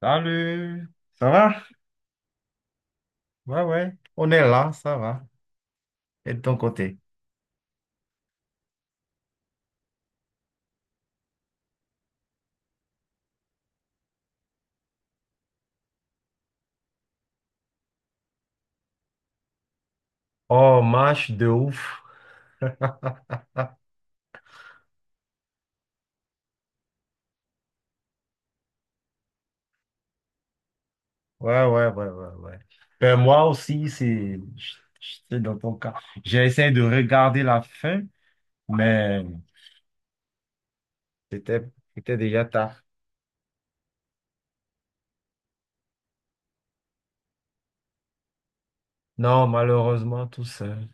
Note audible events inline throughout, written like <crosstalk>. Salut! Ça va? Ouais, ouais, on est là, ça va. Et de ton côté? Oh, match de ouf. Ouais, ouais, ouais, ouais, ouais. Ben, moi aussi, c'est dans ton cas. J'ai essayé de regarder la fin, mais c'était c'était déjà tard. Non, malheureusement, tout seul.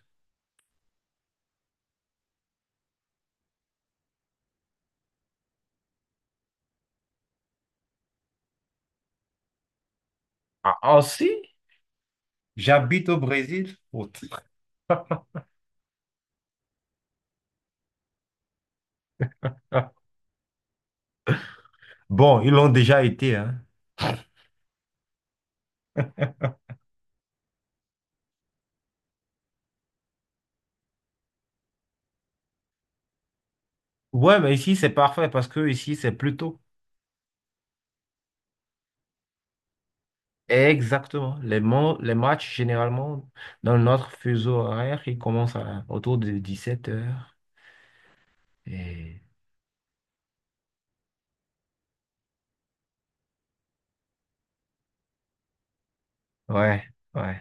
Ah, ah, aussi, j'habite au Brésil. Autre. <laughs> Bon, ils l'ont déjà été, hein. Ouais, mais ici, c'est parfait parce que ici, c'est plus tôt. Exactement. Les, les matchs, généralement, dans notre fuseau horaire, ils commencent autour de 17 heures. Et... Ouais, ouais.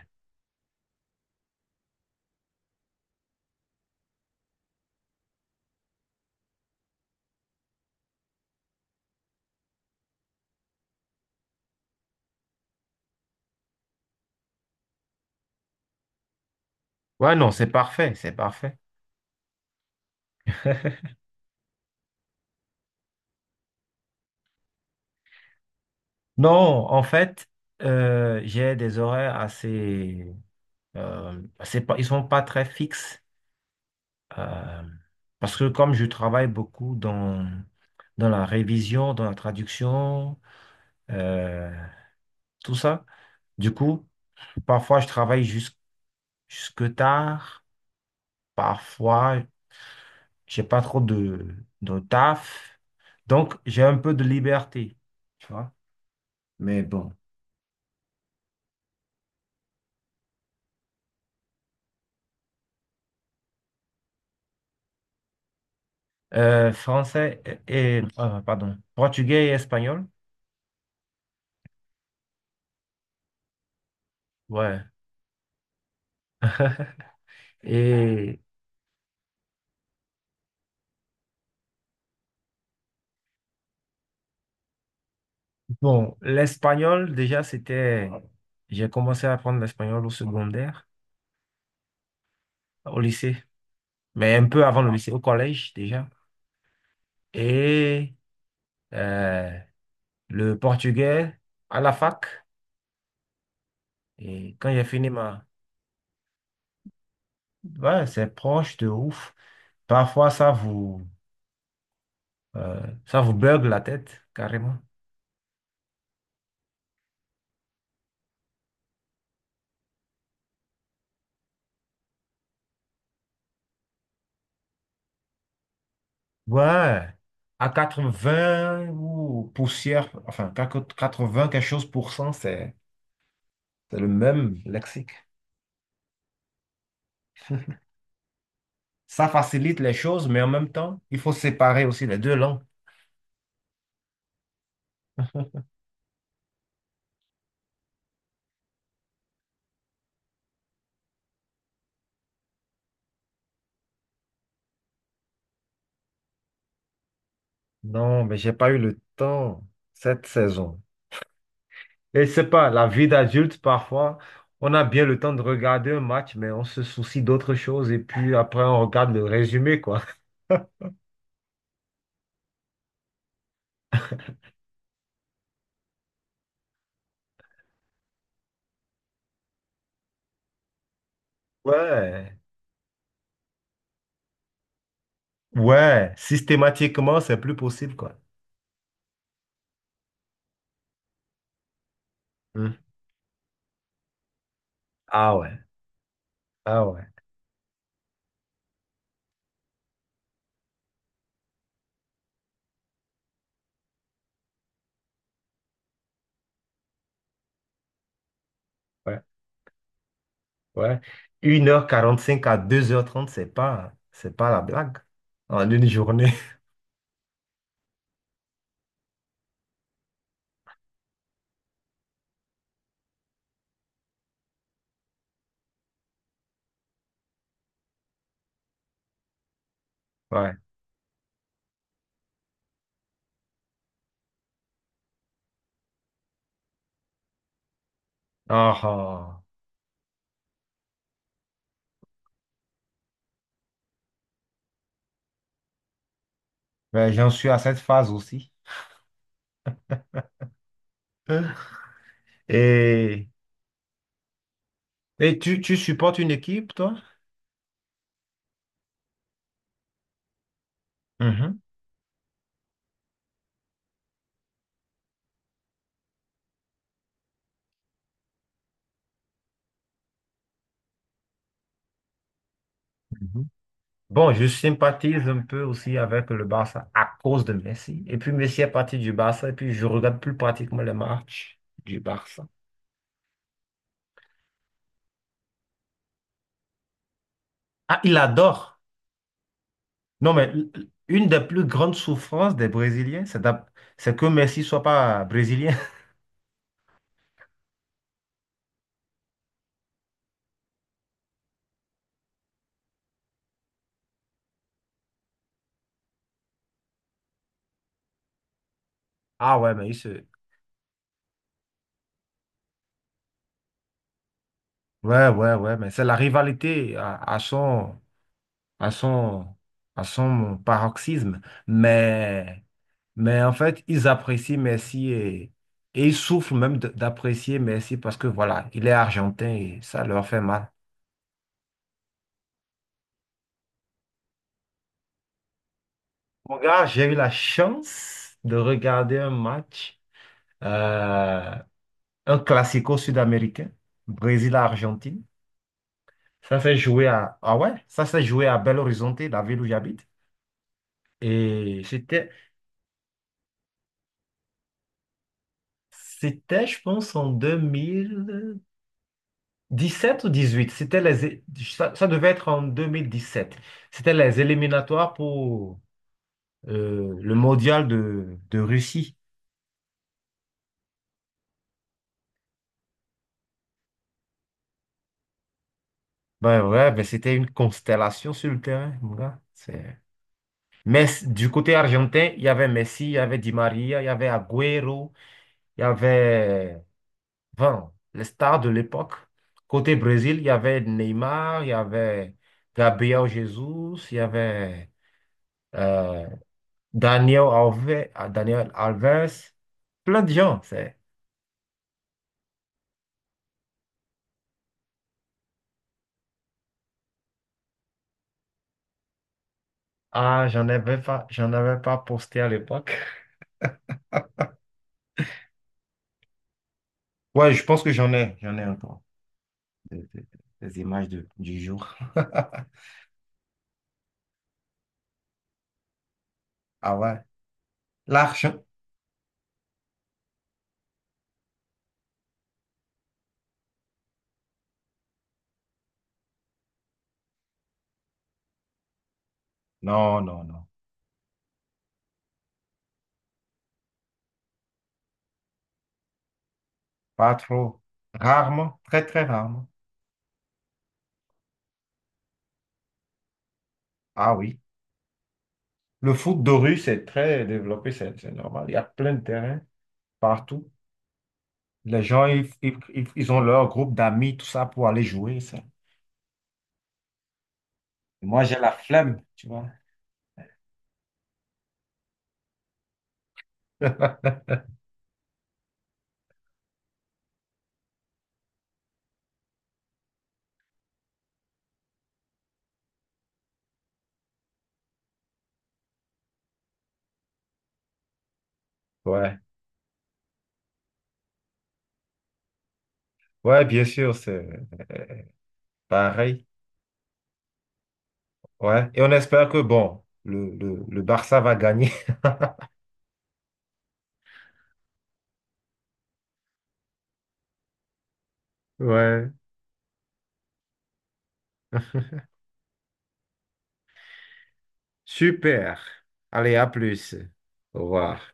Ouais, non, c'est parfait, c'est parfait. Non, en fait, j'ai des horaires assez... c'est pas, ils sont pas très fixes. euh, Parce que comme je travaille beaucoup dans, dans la révision, dans la traduction, euh, tout ça, du coup, parfois je travaille jusque tard. Parfois, j'ai pas trop de taf. Donc, j'ai un peu de liberté, tu vois. Mais bon. Français et, pardon, portugais et espagnol. Ouais. Et bon, l'espagnol, déjà, c'était. J'ai commencé à apprendre l'espagnol au secondaire, au lycée, mais un peu avant le lycée, au collège déjà. Et euh, le portugais à la fac. Et quand j'ai fini ma. Ouais, c'est proche de ouf. Parfois, euh, ça vous bugle la tête, carrément. Ouais, à 80 ou poussière, enfin, quatre-vingts quelque chose pour cent, c'est le même lexique. Ça facilite les choses, mais en même temps, il faut séparer aussi les deux langues. Non, mais j'ai pas eu le temps cette saison. Et c'est pas, la vie d'adulte, parfois, on a bien le temps de regarder un match, mais on se soucie d'autres choses et puis après, on regarde le résumé, quoi. <laughs> Ouais. Ouais, systématiquement, c'est plus possible, quoi. Hmm. Ah ouais, ah ouais, ouais, ouais. Une heure quarante-cinq à deux heures trente, c'est pas la blague en une journée. <laughs> Ouais. Ah, ah. Mais j'en suis à cette phase aussi. Hein. Et, et tu, tu supportes une équipe, toi? Mhm, mhm. Bon, je sympathise un peu aussi avec le Barça à cause de Messi. Et puis Messi est parti du Barça et puis je regarde plus pratiquement les matchs du Barça. Ah, il adore. Non, mais une des plus grandes souffrances des Brésiliens, c'est que Messi soit pas brésilien. <laughs> Ah ouais, mais il se... Ouais, ouais, ouais, mais c'est la rivalité à son, à son, à son paroxysme. Mais, en fait, ils apprécient Messi et ils souffrent même d'apprécier Messi parce que voilà, il est argentin et ça leur fait mal. Mon gars, j'ai eu la chance de regarder un match. euh, un classico sud-américain, Brésil-Argentine. Ça s'est joué à, ah ouais, ça s'est joué à Belo Horizonte, la ville où j'habite. Et c'était, je pense, en deux mille dix sept ou 18. C'était les, ça devait être en 2017. C'était les éliminatoires pour le mondial de Russie. Ben ouais, ben c'était une constellation sur le terrain, mon gars. C'est- Mais du côté argentin, il y avait Messi, il y avait Di Maria, il y avait Agüero. Il y avait 20, les stars de l'époque. Côté Brésil, il y avait Neymar, il y avait Gabriel Jesus, il y avait euh, Daniel Alves, ah, Daniel Alves, plein de gens. C'est... Ah, j'en avais pas posté à l'époque. Ouais, je pense que j'en ai encore des, des images du jour. <laughs> Ah ouais, l'argent? Non, non, non, pas trop. Rarement, très très rarement. Ah oui. Le foot de rue, c'est très développé, c'est normal. Il y a plein de terrains partout. Les gens, ils, ils ont leur groupe d'amis, tout ça, pour aller jouer, ça. Et moi, j'ai la flemme, tu vois. <laughs> Ouais, ouais, bien sûr, c'est pareil. Ouais. Et on espère que, bon, le Barça va gagner. <laughs> Ouais. Super. Allez, à plus. Au revoir.